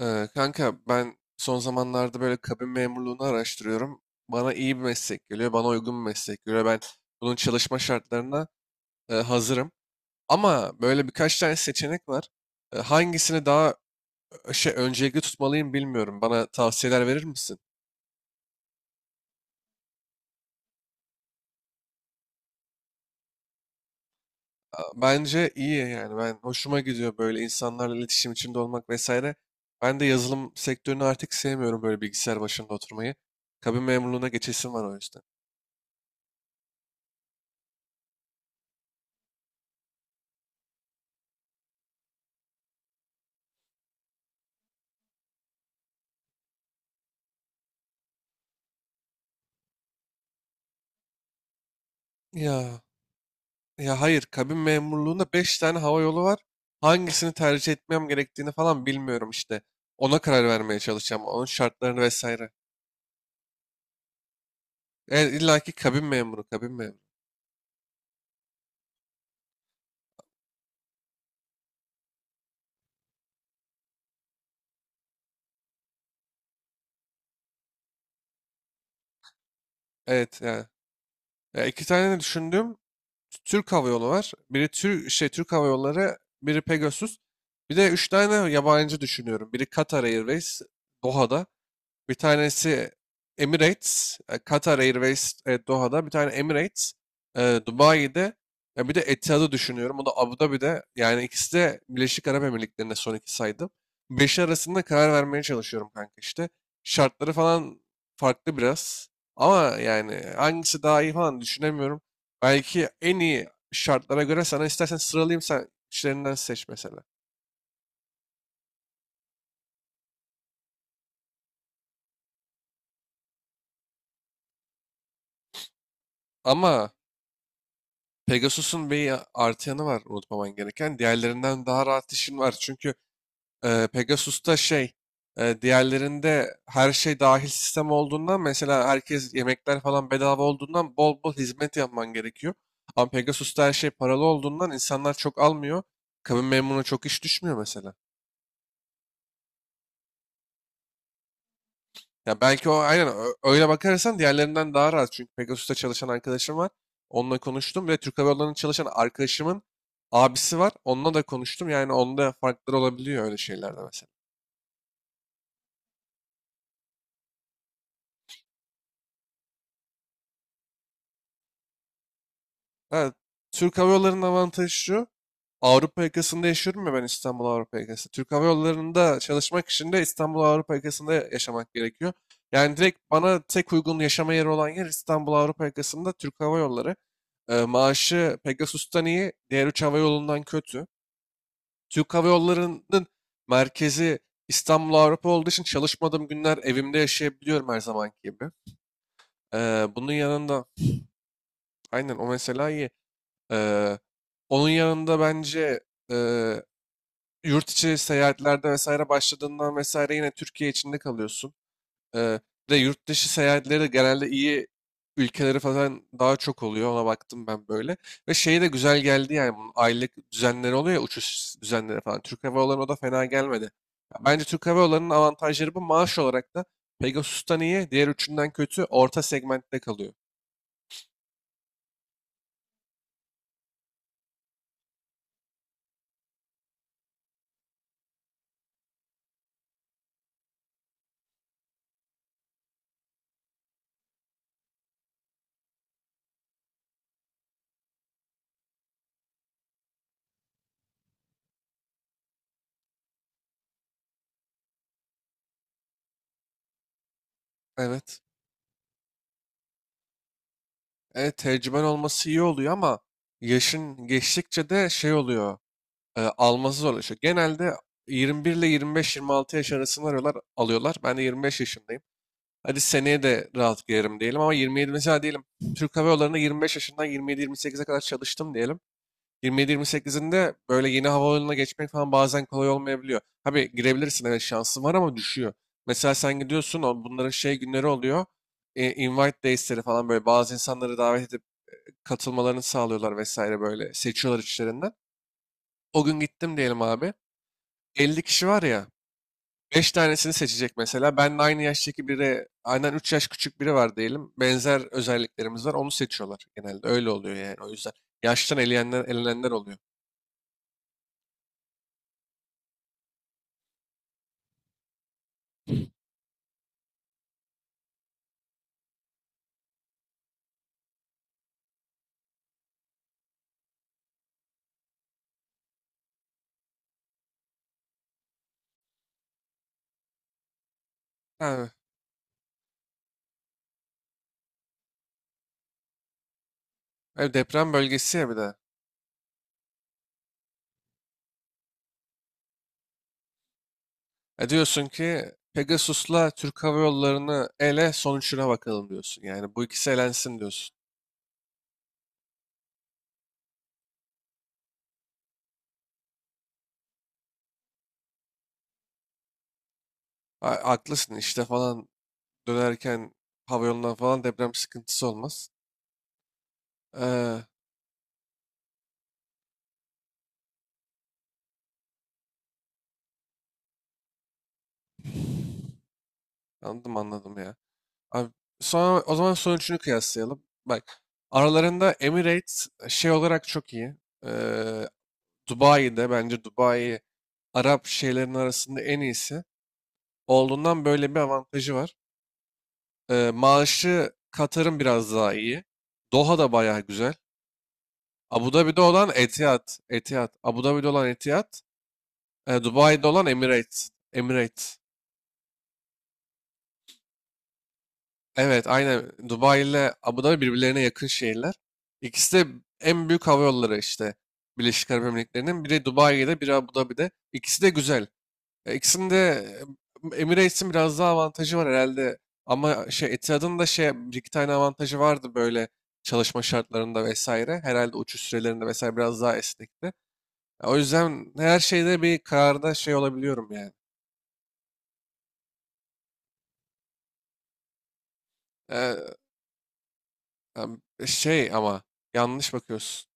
Kanka ben son zamanlarda böyle kabin memurluğunu araştırıyorum. Bana iyi bir meslek geliyor, bana uygun bir meslek geliyor. Ben bunun çalışma şartlarına hazırım. Ama böyle birkaç tane seçenek var. Hangisini daha öncelikli tutmalıyım bilmiyorum. Bana tavsiyeler verir misin? Bence iyi yani. Ben hoşuma gidiyor böyle insanlarla iletişim içinde olmak vesaire. Ben de yazılım sektörünü artık sevmiyorum böyle bilgisayar başında oturmayı. Kabin memurluğuna geçesim var o yüzden. Ya. Ya hayır, kabin memurluğunda 5 tane hava yolu var. Hangisini tercih etmem gerektiğini falan bilmiyorum işte. Ona karar vermeye çalışacağım. Onun şartlarını vesaire. Evet, illa ki kabin memuru, kabin memuru. Evet yani. Ya iki tane de düşündüğüm Türk Hava Yolu var. Biri Türk Hava Yolları, biri Pegasus. Bir de üç tane yabancı düşünüyorum. Biri Qatar Airways, Doha'da. Bir tanesi Emirates, Qatar Airways Doha'da. Bir tane Emirates, e, Dubai'de. Ya bir de Etihad'ı düşünüyorum. O da Abu Dhabi'de. Yani ikisi de Birleşik Arap Emirlikleri'nde son iki saydım. Beşi arasında karar vermeye çalışıyorum kanka işte. Şartları falan farklı biraz. Ama yani hangisi daha iyi falan düşünemiyorum. Belki en iyi şartlara göre sana istersen sıralayayım sen işlerinden seç mesela. Ama Pegasus'un bir artı yanı var unutmaman gereken. Diğerlerinden daha rahat işin var. Çünkü Pegasus'ta, diğerlerinde her şey dahil sistem olduğundan mesela herkes yemekler falan bedava olduğundan bol bol hizmet yapman gerekiyor. Ama Pegasus'ta her şey paralı olduğundan insanlar çok almıyor. Kabin memuruna çok iş düşmüyor mesela. Ya belki o aynen öyle bakarsan diğerlerinden daha rahat. Çünkü Pegasus'ta çalışan arkadaşım var. Onunla konuştum ve Türk Hava Yolları'nda çalışan arkadaşımın abisi var. Onunla da konuştum. Yani onda farklar olabiliyor öyle şeylerde mesela. Ha, Türk Hava Yolları'nın avantajı şu. Avrupa yakasında yaşıyorum ya ben, İstanbul Avrupa yakası. Türk Hava Yolları'nda çalışmak için de İstanbul Avrupa yakasında yaşamak gerekiyor. Yani direkt bana tek uygun yaşama yeri olan yer İstanbul Avrupa yakasında Türk Hava Yolları. Maaşı Pegasus'tan iyi, diğer üç hava yolundan kötü. Türk Hava Yolları'nın merkezi İstanbul Avrupa olduğu için çalışmadığım günler evimde yaşayabiliyorum her zamanki gibi. Bunun yanında aynen o mesela iyi. Eee, Onun yanında bence, eee, yurt içi seyahatlerde vesaire başladığından vesaire yine Türkiye içinde kalıyorsun. Eee ve yurt dışı seyahatleri de genelde iyi ülkeleri falan daha çok oluyor. Ona baktım ben böyle. Ve şey de güzel geldi yani, bunun aylık düzenleri oluyor ya, uçuş düzenleri falan. Türk Hava Yolları'na da fena gelmedi. Ya bence Türk Hava Yolları'nın avantajları bu. Maaş olarak da Pegasus'tan iyi, diğer üçünden kötü, orta segmentte kalıyor. Evet. Evet, tecrüben olması iyi oluyor ama yaşın geçtikçe de şey oluyor. Alması zorlaşıyor. Genelde 21 ile 25-26 yaş arasını arıyorlar, alıyorlar. Ben de 25 yaşındayım. Hadi seneye de rahat girerim diyelim ama 27 mesela diyelim. Türk Hava Yolları'nda 25 yaşından 27-28'e kadar çalıştım diyelim. 27-28'inde böyle yeni havayoluna geçmek falan bazen kolay olmayabiliyor. Tabii girebilirsin, evet şansın var ama düşüyor. Mesela sen gidiyorsun, bunların günleri oluyor. Invite days'leri falan, böyle bazı insanları davet katılmalarını sağlıyorlar vesaire böyle. Seçiyorlar içlerinden. O gün gittim diyelim abi. 50 kişi var ya. 5 tanesini seçecek mesela. Ben de aynı yaştaki biri, aynen 3 yaş küçük biri var diyelim. Benzer özelliklerimiz var. Onu seçiyorlar genelde. Öyle oluyor yani. O yüzden yaştan eleyenler, elenenler oluyor. Ha, ev deprem bölgesi ya bir de. E diyorsun ki Pegasus'la Türk Hava Yolları'nı ele, sonuçuna bakalım diyorsun. Yani bu ikisi elensin diyorsun. Ha, haklısın işte falan, dönerken havayolundan falan deprem sıkıntısı olmaz. Ee, Anladım, anladım ya. Abi, sonra, o zaman son üçünü kıyaslayalım. Bak, aralarında Emirates şey olarak çok iyi. Ee, Dubai'de, bence Dubai Arap şeylerin arasında en iyisi olduğundan böyle bir avantajı var. Maaşı Katar'ın biraz daha iyi. Doha da bayağı güzel. Abu Dhabi'de olan Etihad. Etihad. Abu Dhabi'de olan Etihad. Dubai'de olan Emirates. Emirates. Evet, aynen. Dubai ile Abu Dhabi birbirlerine yakın şehirler. İkisi de en büyük hava yolları işte Birleşik Arap Emirlikleri'nin. Biri Dubai'de, biri Abu Dhabi'de. İkisi de güzel. İkisinin de Emirates'in biraz daha avantajı var herhalde. Ama Etihad'ın da bir iki tane avantajı vardı böyle, çalışma şartlarında vesaire. Herhalde uçuş sürelerinde vesaire biraz daha esnekti. O yüzden her şeyde bir kararda şey olabiliyorum yani. E, ama yanlış bakıyorsun.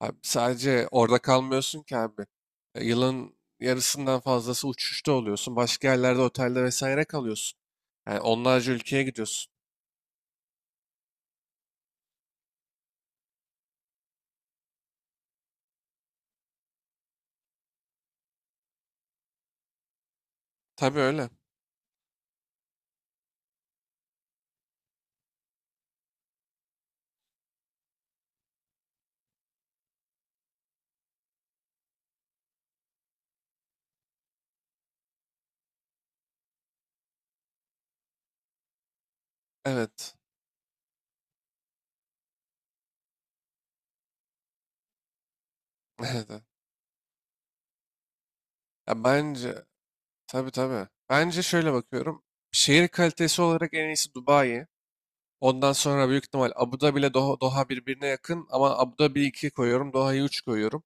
Abi sadece orada kalmıyorsun ki abi. Yılın yarısından fazlası uçuşta oluyorsun. Başka yerlerde otelde vesaire kalıyorsun. Yani onlarca ülkeye gidiyorsun. Tabii öyle. Evet. Evet. Evet. Ya bence, tabii tabii. Bence şöyle bakıyorum. Şehir kalitesi olarak en iyisi Dubai. Ondan sonra büyük ihtimal Abu Dhabi ile Doha, Doha birbirine yakın ama Abu Dhabi 2 koyuyorum, Doha'yı 3 koyuyorum.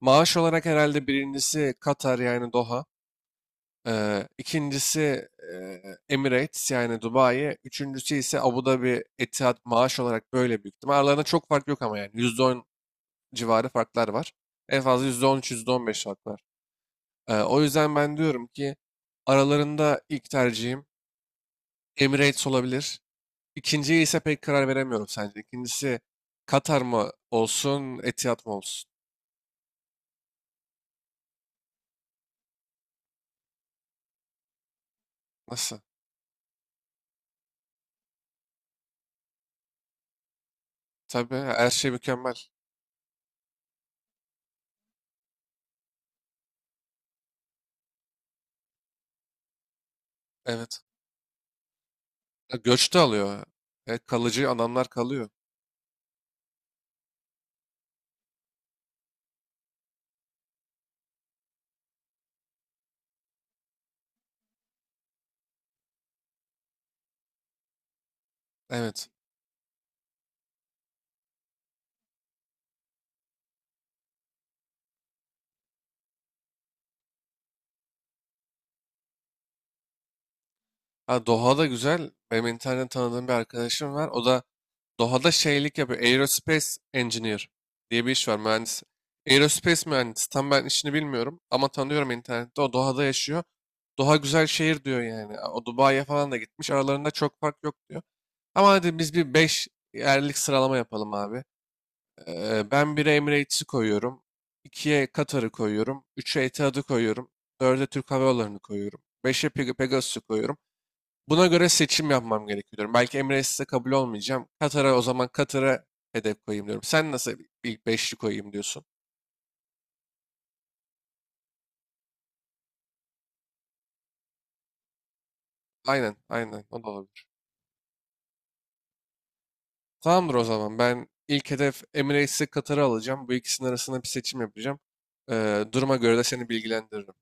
Maaş olarak herhalde birincisi Katar, yani Doha. İkincisi Emirates, yani Dubai. Üçüncüsü ise Abu Dhabi, Etihad, maaş olarak böyle büyük ihtimal. Aralarında çok fark yok ama yani %10 civarı farklar var. En fazla %10, %15 fark var. O yüzden ben diyorum ki aralarında ilk tercihim Emirates olabilir. İkinciye ise pek karar veremiyorum sence. İkincisi Katar mı olsun, Etihad mı olsun? Nasıl? Tabii her şey mükemmel. Evet. Göç de alıyor. Evet, kalıcı adamlar kalıyor. Evet. Ha, Doha'da güzel. Benim internetten tanıdığım bir arkadaşım var. O da Doha'da şeylik yapıyor. Aerospace Engineer diye bir iş var. Mühendis. Aerospace mühendisi. Tam ben işini bilmiyorum. Ama tanıyorum internette. O Doha'da yaşıyor. Doha güzel şehir diyor yani. O Dubai'ye falan da gitmiş. Aralarında çok fark yok diyor. Ama hadi biz bir 5 yerlik sıralama yapalım abi. Ben 1'e Emirates'i koyuyorum. İkiye Katar'ı koyuyorum. 3'e Etihad'ı koyuyorum. Dörde Türk Hava Yolları'nı koyuyorum. Beşe Pegasus'u koyuyorum. Buna göre seçim yapmam gerekiyor diyorum. Belki Emirates'e kabul olmayacağım. Katar'a, o zaman Katar'a hedef koyayım diyorum. Sen nasıl ilk beşli koyayım diyorsun? Aynen, aynen. O da olabilir. Tamamdır o zaman. Ben ilk hedef Emirates'e Katar'ı alacağım. Bu ikisinin arasında bir seçim yapacağım. Duruma göre de seni bilgilendiririm.